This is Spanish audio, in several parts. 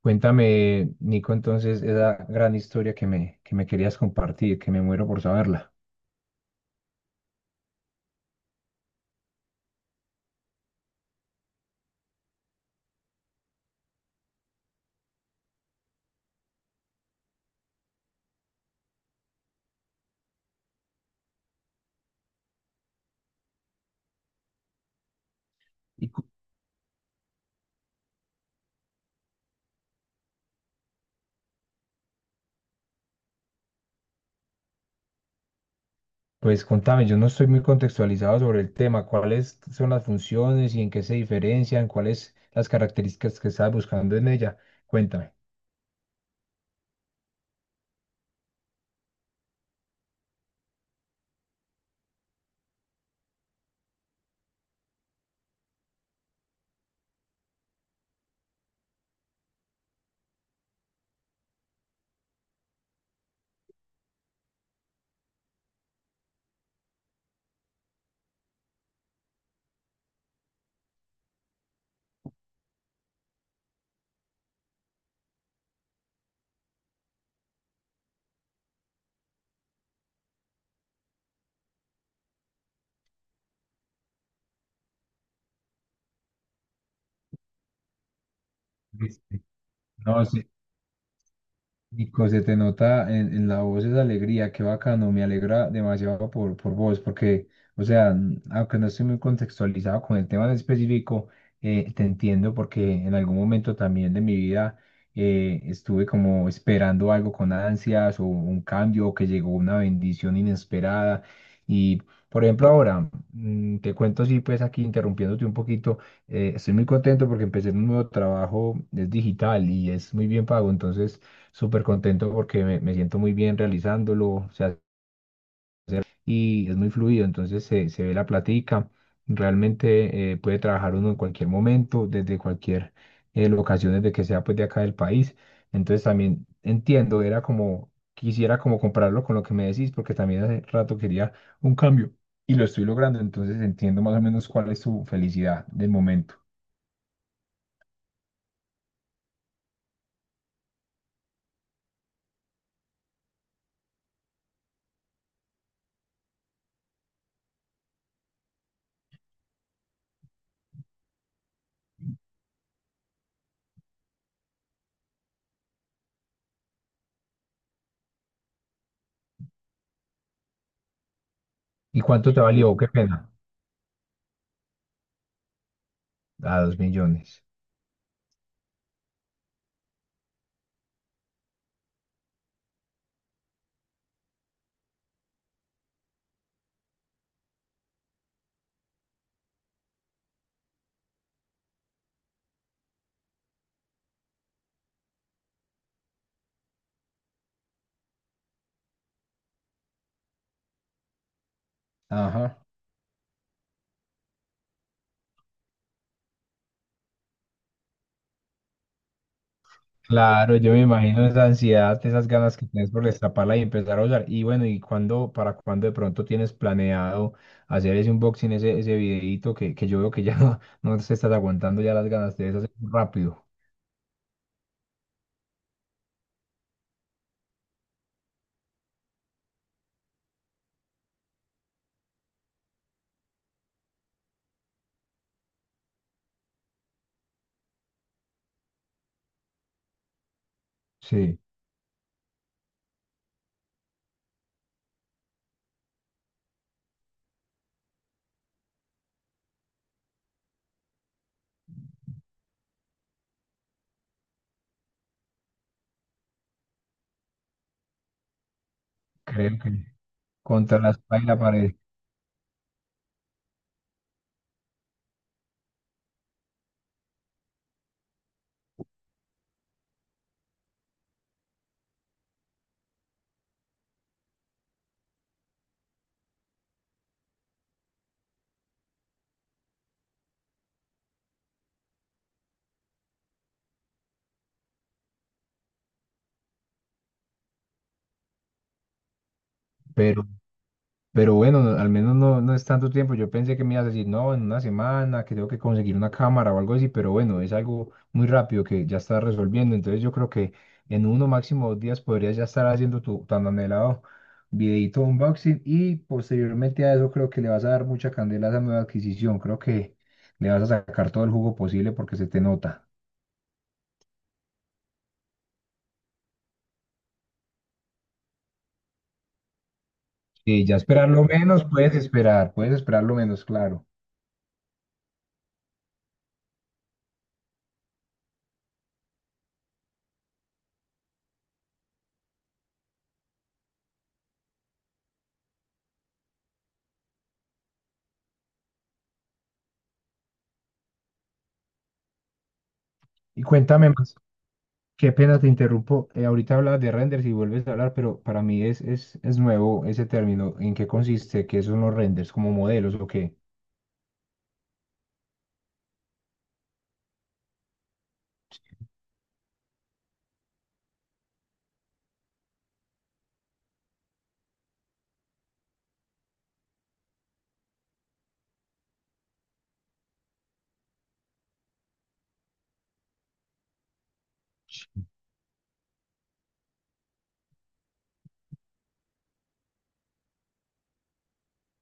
Cuéntame, Nico, entonces esa gran historia que me querías compartir, que me muero por saberla. Y cu- pues contame, yo no estoy muy contextualizado sobre el tema, cuáles son las funciones y en qué se diferencian, cuáles las características que estás buscando en ella. Cuéntame. Listo. No, sí, Nico, se te nota en la voz esa alegría, qué bacano, me alegra demasiado por vos, porque, o sea, aunque no estoy muy contextualizado con el tema en específico, te entiendo porque en algún momento también de mi vida estuve como esperando algo con ansias o un cambio o que llegó una bendición inesperada. Y, por ejemplo, ahora, te cuento, sí, pues aquí interrumpiéndote un poquito, estoy muy contento porque empecé en un nuevo trabajo, es digital y es muy bien pago, entonces súper contento porque me siento muy bien realizándolo, o sea, y es muy fluido, entonces se ve la platica, realmente puede trabajar uno en cualquier momento, desde cualquier locación, desde que sea pues de acá del país, entonces también entiendo, era como, quisiera como compararlo con lo que me decís, porque también hace rato quería un cambio y lo estoy logrando, entonces entiendo más o menos cuál es su felicidad del momento. ¿Y cuánto te sí valió? Qué pena. A 2 millones. Ajá. Claro, yo me imagino esa ansiedad, esas ganas que tienes por destaparla y empezar a usar. Y bueno, ¿y cuándo, para cuándo de pronto tienes planeado hacer ese unboxing, ese videíto que yo veo que ya no, no te estás aguantando ya las ganas de hacer rápido? Sí, creo que contra la espalda y la pared. Pero bueno, al menos no, no es tanto tiempo. Yo pensé que me ibas a decir, no, en una semana, que tengo que conseguir una cámara o algo así, pero bueno, es algo muy rápido que ya estás resolviendo. Entonces yo creo que en uno máximo 2 días podrías ya estar haciendo tu tan anhelado videito unboxing y posteriormente a eso creo que le vas a dar mucha candela a esa nueva adquisición. Creo que le vas a sacar todo el jugo posible porque se te nota. Y ya esperar lo menos, puedes esperar lo menos, claro. Y cuéntame más. Qué pena te interrumpo. Ahorita hablabas de renders y vuelves a hablar, pero para mí es nuevo ese término. ¿En qué consiste? ¿Qué son los renders? ¿Como modelos o qué?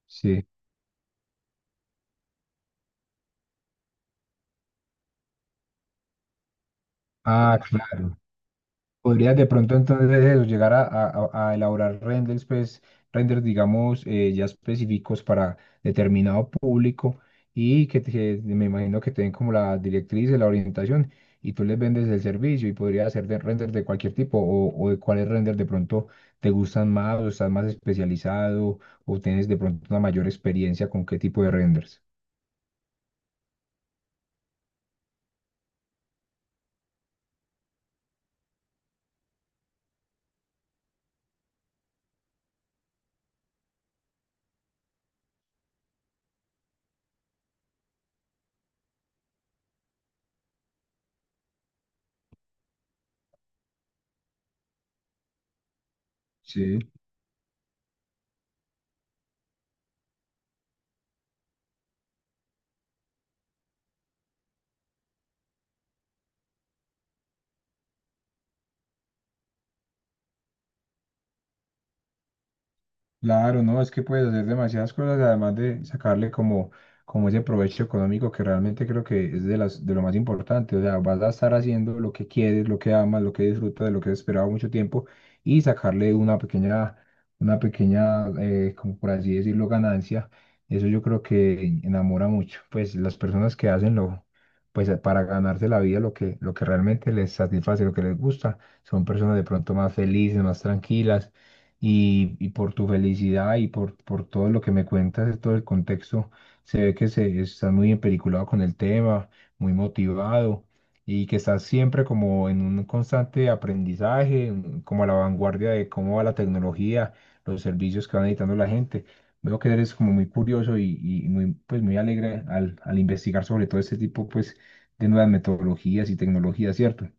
Sí. Ah, claro. Podrías de pronto entonces eso, llegar a a elaborar renders, pues, renders, digamos, ya específicos para determinado público y que, que me imagino que te den como la directriz, la orientación y tú les vendes el servicio y podría hacer de renders de cualquier tipo o de cuáles renders de pronto te gustan más o estás más especializado o tienes de pronto una mayor experiencia con qué tipo de renders. Sí, claro, no, es que puedes hacer demasiadas cosas, además de sacarle como, como ese provecho económico que realmente creo que es de las, de lo más importante. O sea, vas a estar haciendo lo que quieres, lo que amas, lo que disfrutas, de lo que has esperado mucho tiempo y sacarle una pequeña, como por así decirlo, ganancia. Eso yo creo que enamora mucho. Pues las personas que hacen lo, pues para ganarse la vida, lo que realmente les satisface, lo que les gusta, son personas de pronto más felices, más tranquilas y por tu felicidad y por todo lo que me cuentas, de todo el contexto, se ve que se, estás muy empeliculado con el tema, muy motivado y que estás siempre como en un constante aprendizaje, como a la vanguardia de cómo va la tecnología, los servicios que va necesitando la gente. Veo que eres como muy curioso y muy, pues muy alegre al, al investigar sobre todo este tipo pues, de nuevas metodologías y tecnologías, ¿cierto?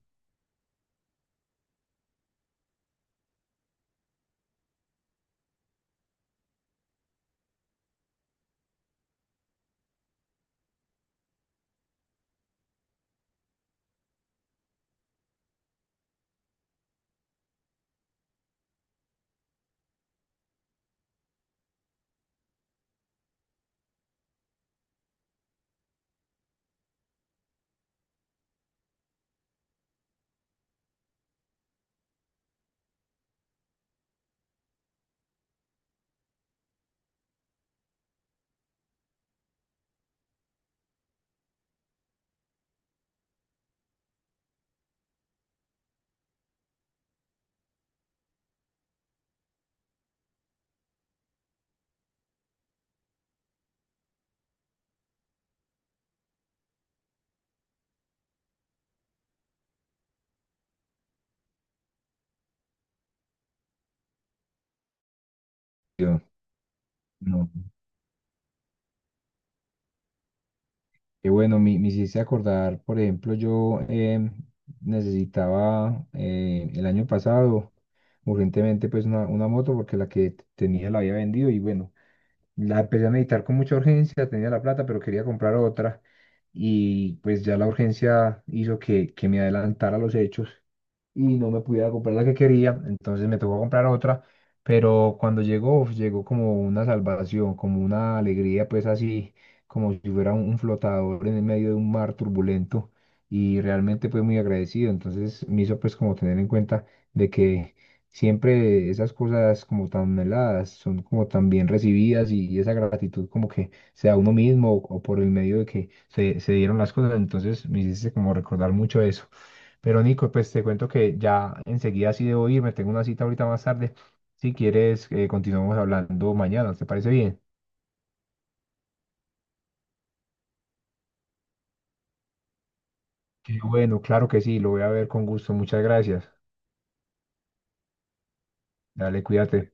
Yo, no. Y bueno, me hiciste acordar, por ejemplo, yo necesitaba el año pasado urgentemente pues una moto porque la que tenía la había vendido y bueno, la empecé a meditar con mucha urgencia, tenía la plata, pero quería comprar otra y pues ya la urgencia hizo que me adelantara los hechos y no me pudiera comprar la que quería, entonces me tocó comprar otra, pero cuando llegó, uf, llegó como una salvación, como una alegría, pues así, como si fuera un flotador en el medio de un mar turbulento y realmente pues muy agradecido, entonces me hizo pues como tener en cuenta de que siempre esas cosas como tan anheladas son como tan bien recibidas y esa gratitud como que sea uno mismo o por el medio de que se dieron las cosas, entonces me hiciste como recordar mucho eso. Pero Nico, pues te cuento que ya enseguida sí debo irme, tengo una cita ahorita más tarde. Si quieres, continuamos hablando mañana, ¿te parece bien? Qué bueno, claro que sí, lo voy a ver con gusto, muchas gracias. Dale, cuídate.